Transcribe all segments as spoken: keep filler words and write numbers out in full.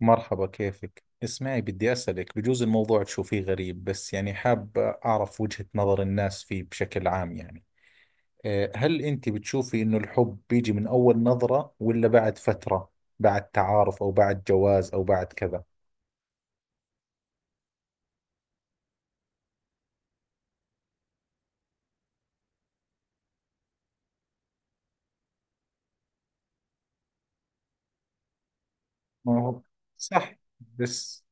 مرحبا، كيفك؟ اسمعي، بدي أسألك، بجوز الموضوع تشوفيه غريب بس يعني حاب أعرف وجهة نظر الناس فيه بشكل عام. يعني أه، هل أنت بتشوفي إنه الحب بيجي من أول نظرة ولا بعد فترة، بعد تعارف أو بعد جواز أو بعد كذا؟ ما هو صح، بس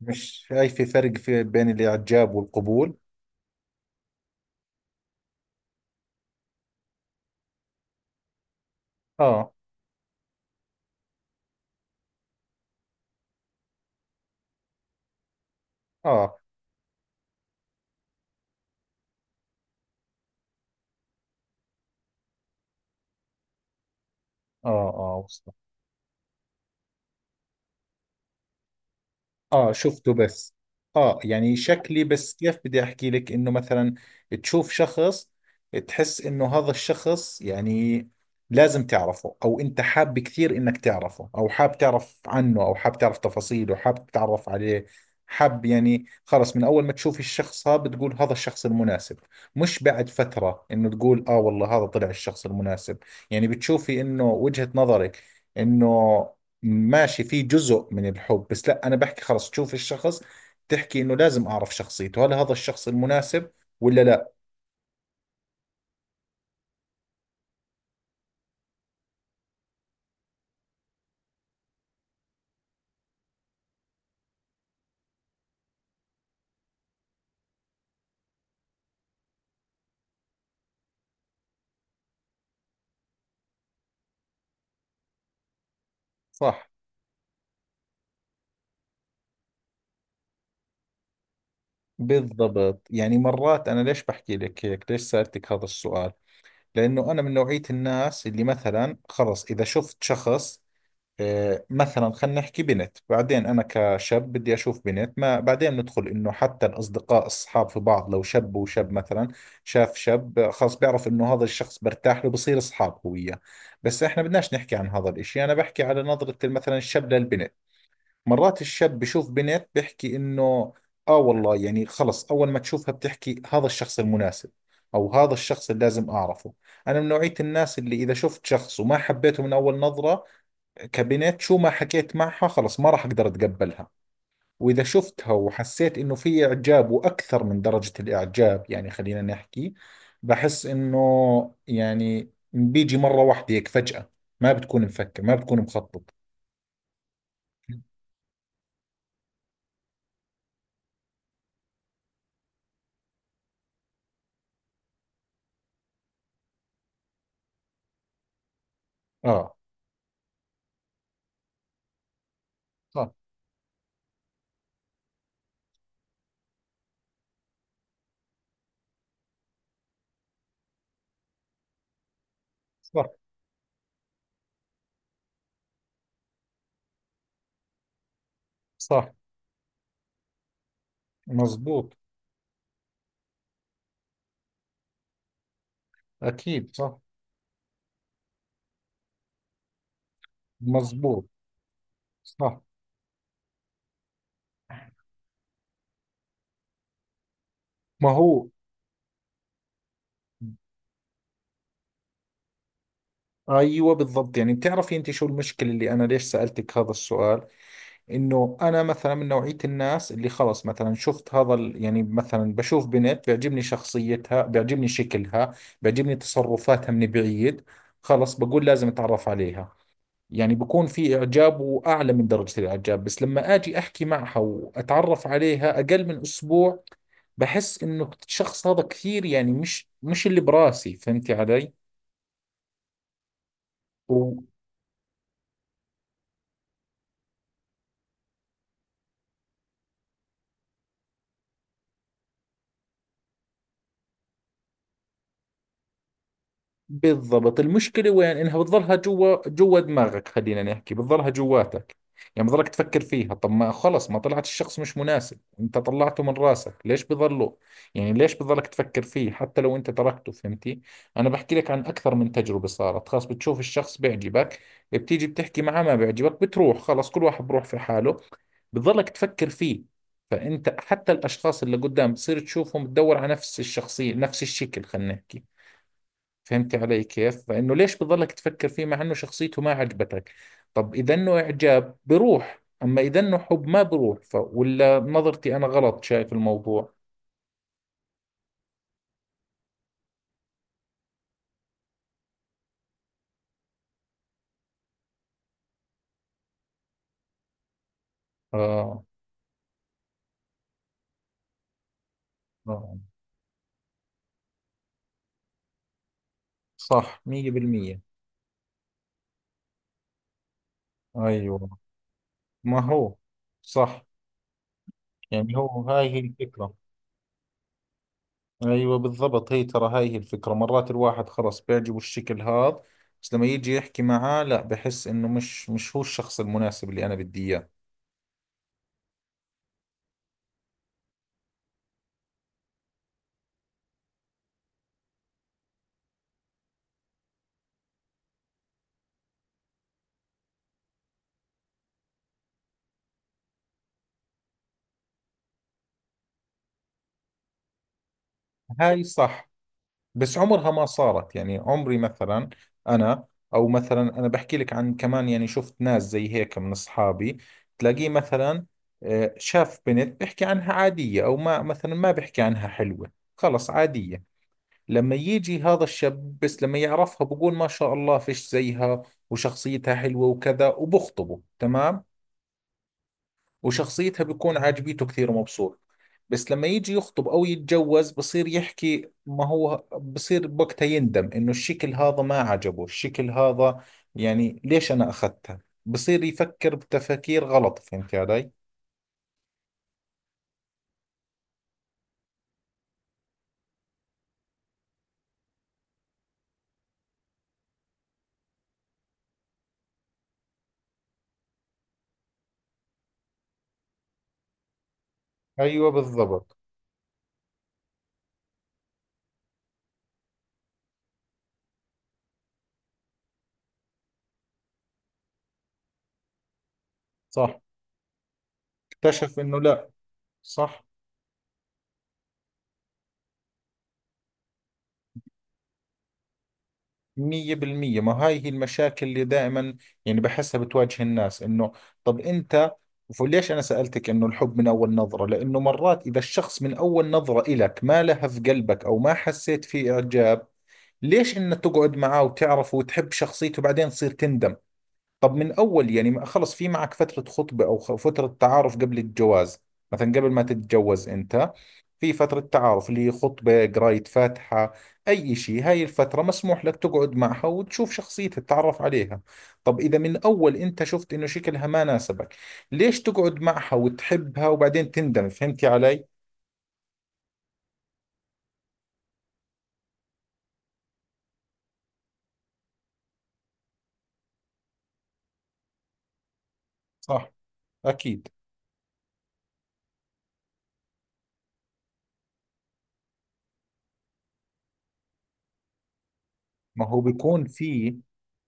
مش شايفة فرق في بين الإعجاب والقبول؟ آه، آه، آه، آه، اه شفته بس. اه يعني شكلي بس. كيف بدي احكي لك؟ انه مثلا تشوف شخص، تحس انه هذا الشخص يعني لازم تعرفه، او انت حاب كثير انك تعرفه، او حاب تعرف عنه، او حاب تعرف تفاصيله، حاب تتعرف عليه، حاب يعني خلص من اول ما تشوف الشخص هذا بتقول هذا الشخص المناسب، مش بعد فترة انه تقول اه والله هذا طلع الشخص المناسب. يعني بتشوفي انه وجهة نظرك انه ماشي، في جزء من الحب، بس لا انا بحكي خلص تشوف الشخص تحكي انه لازم اعرف شخصيته، هل هذا الشخص المناسب ولا لا. صح. بالضبط. يعني مرات انا ليش بحكي لك هيك، ليش سألتك هذا السؤال؟ لانه انا من نوعية الناس اللي مثلا خلص اذا شفت شخص آه، مثلا خلينا نحكي بنت، بعدين أنا كشاب بدي أشوف بنت، ما بعدين ندخل إنه حتى الأصدقاء، الصحاب في بعض، لو شاب وشاب مثلا شاف شاب آه، خلص بيعرف إنه هذا الشخص برتاح له، بصير أصحاب هو وياه. بس إحنا بدناش نحكي عن هذا الإشي، أنا بحكي على نظرة مثلا الشاب للبنت. مرات الشاب بشوف بنت بيحكي إنه آه والله يعني خلص أول ما تشوفها بتحكي هذا الشخص المناسب، أو هذا الشخص اللي لازم أعرفه. أنا من نوعية الناس اللي إذا شفت شخص وما حبيته من أول نظرة، كابينات شو ما حكيت معها خلص ما راح اقدر اتقبلها. واذا شفتها وحسيت انه في اعجاب واكثر من درجة الاعجاب، يعني خلينا نحكي بحس انه يعني بيجي مرة واحدة هيك فجأة، ما بتكون مفكر، ما بتكون مخطط. اه. صح. صح. صح. مزبوط. اكيد صح. مزبوط. صح. ما هو ايوه بالضبط. يعني بتعرفي انت شو المشكلة اللي انا ليش سألتك هذا السؤال؟ انه انا مثلا من نوعية الناس اللي خلص مثلا شفت هذا ال- يعني مثلا بشوف بنت بيعجبني شخصيتها، بيعجبني شكلها، بيعجبني تصرفاتها من بعيد، خلص بقول لازم اتعرف عليها. يعني بكون في اعجاب واعلى من درجة الاعجاب، بس لما اجي احكي معها واتعرف عليها اقل من اسبوع بحس انه الشخص هذا كثير يعني مش مش اللي براسي. فهمتي علي؟ بالضبط. المشكلة وين؟ انها بتظلها جوا جوا دماغك، خلينا نحكي بتظلها جواتك. يعني بضلك تفكر فيها. طب ما خلص ما طلعت الشخص مش مناسب، انت طلعته من راسك، ليش بضله؟ يعني ليش بضلك تفكر فيه حتى لو انت تركته؟ فهمتي؟ انا بحكي لك عن اكثر من تجربة صارت. خلاص بتشوف الشخص بيعجبك، بتيجي بتحكي معه ما بيعجبك، بتروح، خلاص كل واحد بروح في حاله، بتظلك تفكر فيه. فانت حتى الاشخاص اللي قدام بتصير تشوفهم تدور على نفس الشخصية، نفس الشكل، خلينا نحكي. فهمتي علي كيف؟ فإنه ليش بضلك تفكر فيه مع إنه شخصيته ما عجبتك؟ طب إذا إنه إعجاب بروح، أما إذا إنه حب ما بروح، ف... ولا نظرتي أنا غلط شايف الموضوع؟ آه. آه. صح مية بالمية. أيوه. ما هو صح. يعني هو هاي هي الفكرة. أيوه بالضبط. هي ترى هاي هي الفكرة. مرات الواحد خلص بيعجبه الشكل هذا، بس لما يجي يحكي معاه لا، بحس إنه مش مش هو الشخص المناسب اللي أنا بدي إياه. هاي صح. بس عمرها ما صارت، يعني عمري مثلا انا، او مثلا انا بحكي لك عن كمان. يعني شفت ناس زي هيك من اصحابي تلاقيه مثلا آه، شاف بنت بيحكي عنها عادية، او ما مثلا ما بيحكي عنها حلوة، خلص عادية. لما يجي هذا الشاب بس لما يعرفها بقول ما شاء الله فيش زيها وشخصيتها حلوة وكذا، وبخطبه تمام، وشخصيتها بيكون عاجبيته كثير ومبسوط. بس لما يجي يخطب او يتجوز بصير يحكي، ما هو بصير بوقتها يندم انه الشكل هذا ما عجبه الشكل هذا، يعني ليش انا اخذتها؟ بصير يفكر بتفكير غلط. فهمت علي؟ ايوه بالضبط. صح. اكتشف انه لا. صح. مية بالمية. ما هاي هي المشاكل اللي دائما يعني بحسها بتواجه الناس. انه طب انت، وليش انا سألتك انه الحب من اول نظرة؟ لانه مرات اذا الشخص من اول نظرة الك ما لهف قلبك او ما حسيت فيه اعجاب، ليش انك تقعد معاه وتعرفه وتحب شخصيته بعدين تصير تندم؟ طب من اول يعني ما- خلص في معك فترة خطبة او خ- فترة تعارف قبل الجواز. مثلا قبل ما تتجوز انت في فترة تعارف اللي هي خطبة، قراية فاتحة، اي شيء، هاي الفترة مسموح لك تقعد معها وتشوف شخصيتها تتعرف عليها. طب اذا من اول انت شفت انه شكلها ما ناسبك، ليش تقعد معها وتحبها وبعدين تندم؟ فهمتي علي؟ صح. أكيد. ما هو بيكون في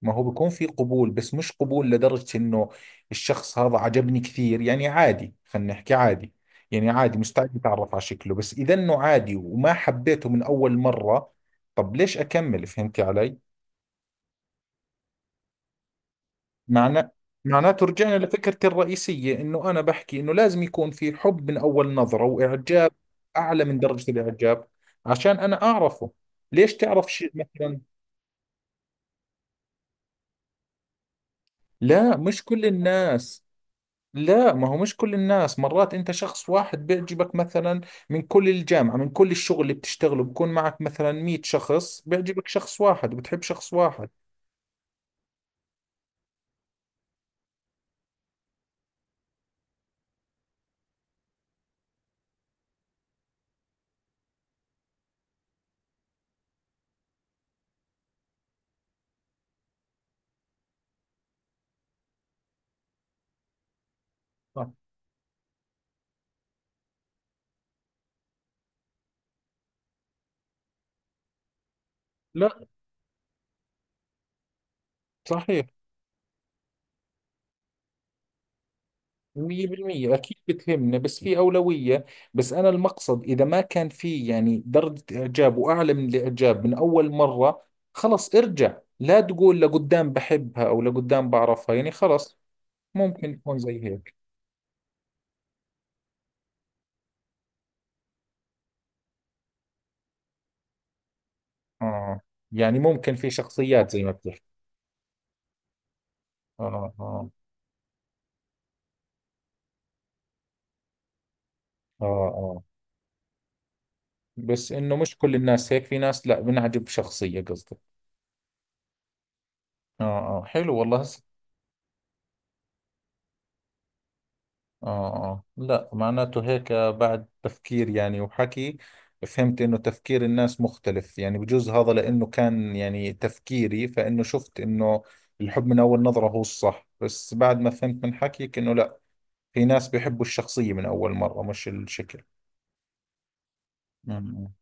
ما هو بيكون في قبول، بس مش قبول لدرجة انه الشخص هذا عجبني كثير، يعني عادي، خلينا نحكي عادي. يعني عادي مستعد اتعرف على شكله، بس اذا انه عادي وما حبيته من اول مرة، طب ليش اكمل؟ فهمتي علي؟ معنى، معناته رجعنا لفكرتي الرئيسية انه انا بحكي انه لازم يكون في حب من اول نظرة واعجاب اعلى من درجة الاعجاب عشان انا اعرفه. ليش تعرف شيء مثلا؟ لا، مش كل الناس. لا ما هو مش كل الناس، مرات انت شخص واحد بيعجبك مثلا من كل الجامعة، من كل الشغل اللي بتشتغله بكون معك مثلا مية شخص، بيعجبك شخص واحد وبتحب شخص واحد. صح. لا صحيح. مية بالمية أكيد بتهمنا، بس في أولوية. بس أنا المقصد إذا ما كان في يعني درجة إعجاب وأعلى من الإعجاب من أول مرة، خلص ارجع لا تقول لقدام بحبها أو لقدام بعرفها، يعني خلص ممكن تكون زي هيك. آه. يعني ممكن في شخصيات زي ما بتحكي. اه، اه، اه، اه. بس انه مش كل الناس هيك، في ناس لا، بنعجب شخصية قصدي. اه اه، حلو والله هسه. اه اه. لا معناته هيك بعد تفكير يعني وحكي فهمت انه تفكير الناس مختلف. يعني بجوز هذا لانه كان يعني تفكيري، فانه شفت انه الحب من اول نظرة هو الصح، بس بعد ما فهمت من حكيك انه لا، في ناس بيحبوا الشخصية من اول مرة مش الشكل. امم.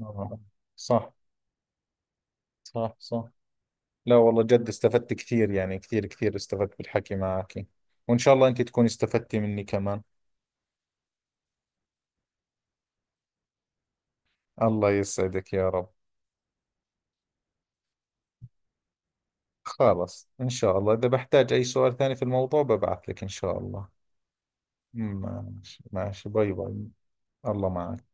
آه. صح. صح. صح. لا والله جد استفدت كثير، يعني كثير كثير استفدت بالحكي معك. وإن شاء الله أنت تكوني استفدتي مني كمان. الله يسعدك يا رب. خلاص إن شاء الله إذا بحتاج أي سؤال ثاني في الموضوع ببعث لك إن شاء الله. ماشي ماشي. باي باي. الله معك.